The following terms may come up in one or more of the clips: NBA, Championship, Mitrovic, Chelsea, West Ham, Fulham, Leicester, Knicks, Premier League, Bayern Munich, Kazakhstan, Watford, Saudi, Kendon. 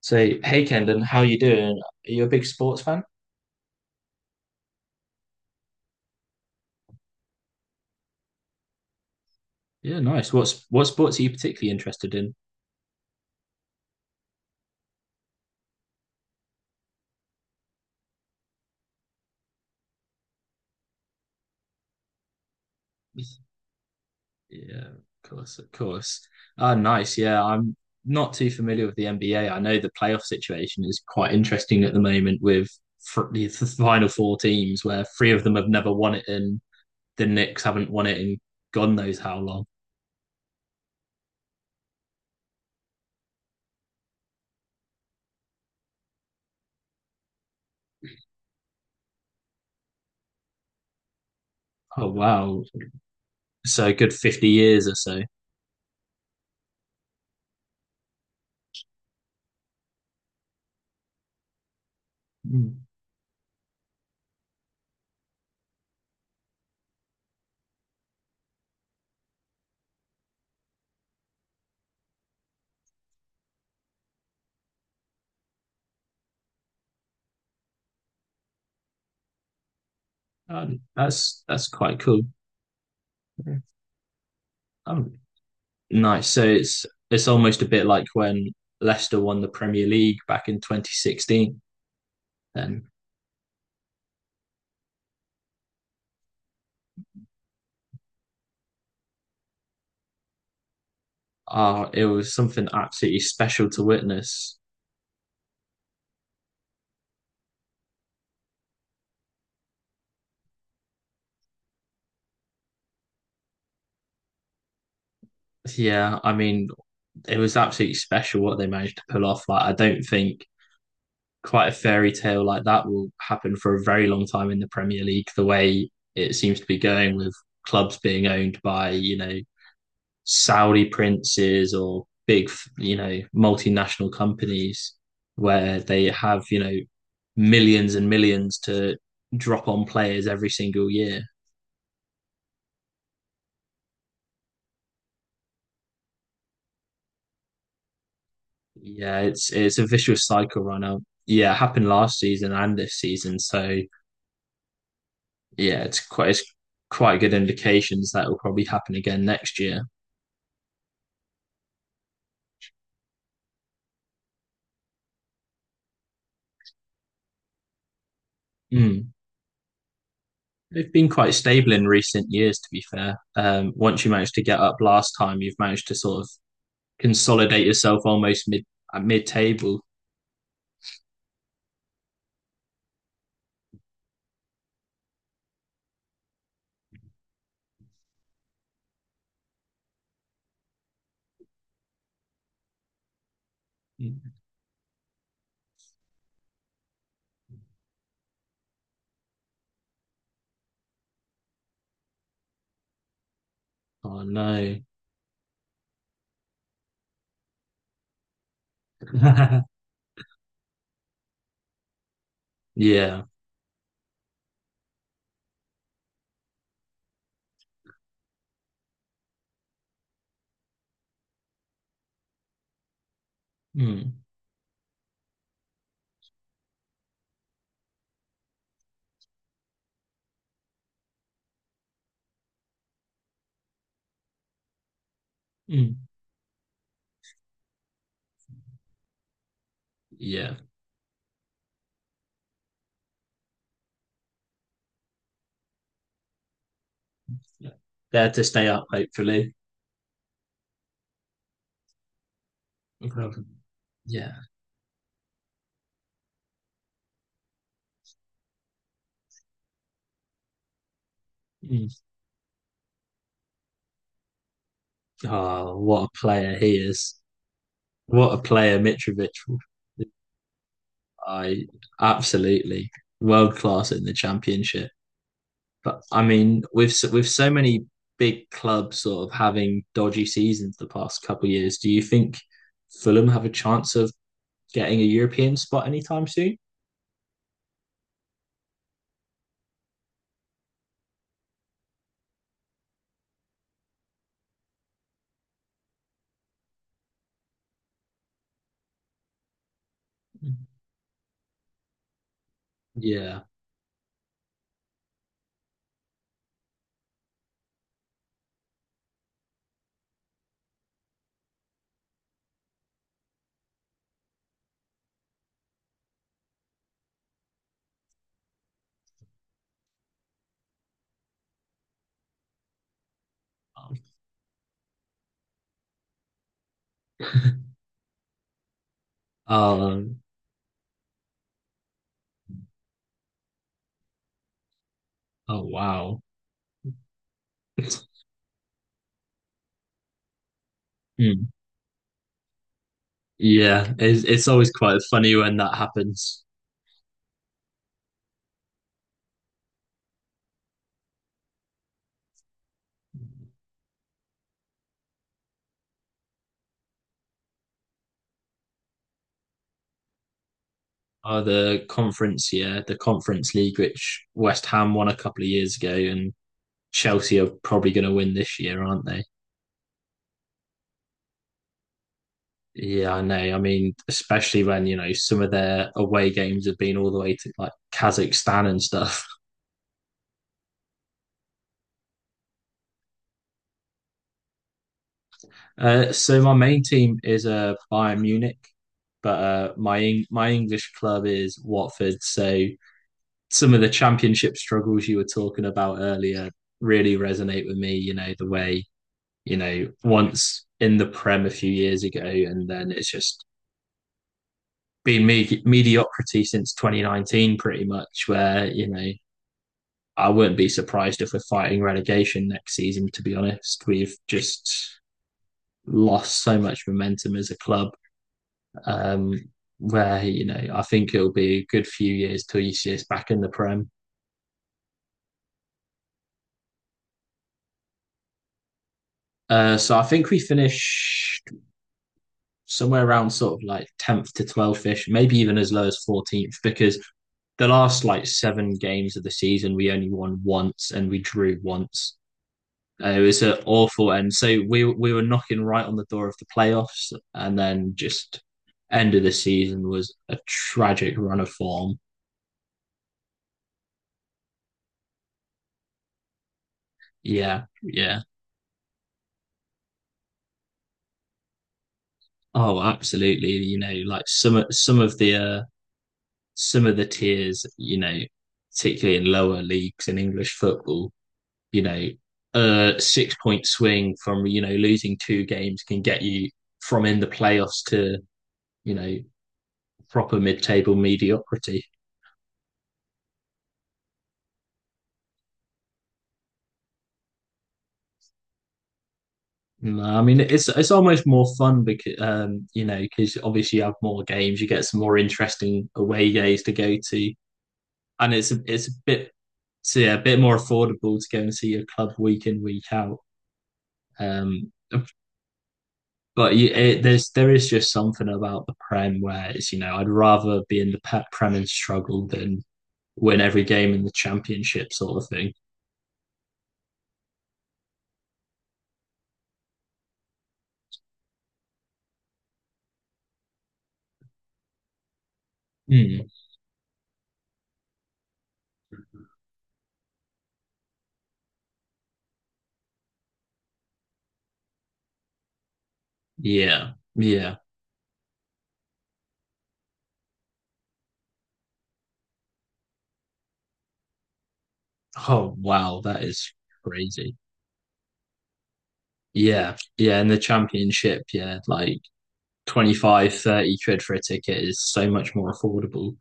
Say hey Kendon, how you doing? Are you a big sports fan? Yeah, nice. What sports are you particularly interested in? Yeah, of course, of course. Ah, nice. Yeah, I'm not too familiar with the NBA. I know the playoff situation is quite interesting at the moment with the final four teams, where three of them have never won it, and the Knicks haven't won it in God knows how long. Oh wow, so a good 50 years or so. Mm. That's quite cool. Yeah. Oh, nice. So it's almost a bit like when Leicester won the Premier League back in 2016. Then it was something absolutely special to witness. Yeah, I mean, it was absolutely special what they managed to pull off. Like, I don't think quite a fairy tale like that will happen for a very long time in the Premier League, the way it seems to be going with clubs being owned by, you know, Saudi princes or big, you know, multinational companies where they have, you know, millions and millions to drop on players every single year. Yeah, it's a vicious cycle right now. Yeah, it happened last season and this season. So yeah, it's quite good indications that will probably happen again next year. Mm. They've been quite stable in recent years, to be fair. Once you managed to get up last time, you've managed to sort of consolidate yourself almost mid table. Mm. Oh no. Yeah. Mm. Mm. Yeah. Yeah. There to stay up, hopefully. No problem. Yeah. Mm. Oh, what a player he is. What a player Mitrovic. I absolutely world class in the championship. But I mean, with so many big clubs sort of having dodgy seasons the past couple of years, do you think Fulham have a chance of getting a European spot anytime soon? Yeah. Um, oh wow. Yeah, it's always quite funny when that happens. Are the conference, yeah, the conference league, which West Ham won a couple of years ago, and Chelsea are probably going to win this year, aren't they? Yeah, I know. I mean, especially when you know some of their away games have been all the way to like Kazakhstan and stuff. So my main team is Bayern Munich, but my English club is Watford. So some of the championship struggles you were talking about earlier really resonate with me. You know the way you know, once in the Prem a few years ago, and then it's just been mediocrity since 2019, pretty much. Where you know, I wouldn't be surprised if we're fighting relegation next season. To be honest, we've just lost so much momentum as a club. Um, where you know, I think it'll be a good few years till you see us back in the Prem. So I think we finished somewhere around sort of like 10th to 12th ish, maybe even as low as 14th, because the last like seven games of the season, we only won once and we drew once. And it was an awful end. So we were knocking right on the door of the playoffs, and then just end of the season was a tragic run of form. Yeah, yeah. Oh, absolutely. You know, like some of the tiers, you know, particularly in lower leagues in English football, you know, a 6 point swing from, you know, losing two games can get you from in the playoffs to, you know, proper mid table mediocrity. No, I mean it's almost more fun because obviously you have more games, you get some more interesting away days to go to, and it's a bit, so yeah, a bit more affordable to go and see your club week in week out. Um, But you, it, there's there is just something about the Prem where it's I'd rather be in the Prem and struggle than win every game in the Championship sort of thing. Mm. Yeah, yeah. Oh wow, that is crazy. Yeah, yeah. In the Championship, yeah, like 25, 30 quid for a ticket is so much more affordable.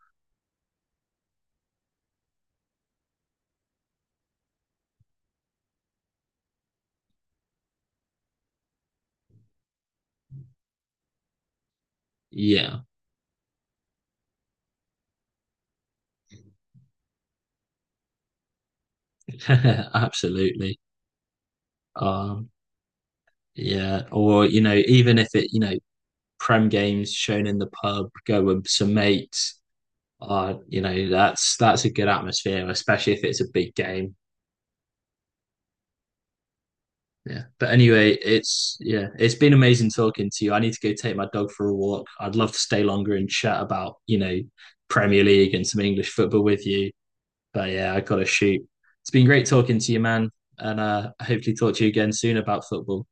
Yeah, absolutely. Um, yeah, or you know, even if it you know Prem games shown in the pub, go with some mates. That's a good atmosphere, especially if it's a big game. Yeah. But anyway, it's been amazing talking to you. I need to go take my dog for a walk. I'd love to stay longer and chat about, you know, Premier League and some English football with you. But yeah, I gotta shoot. It's been great talking to you, man. And hopefully talk to you again soon about football.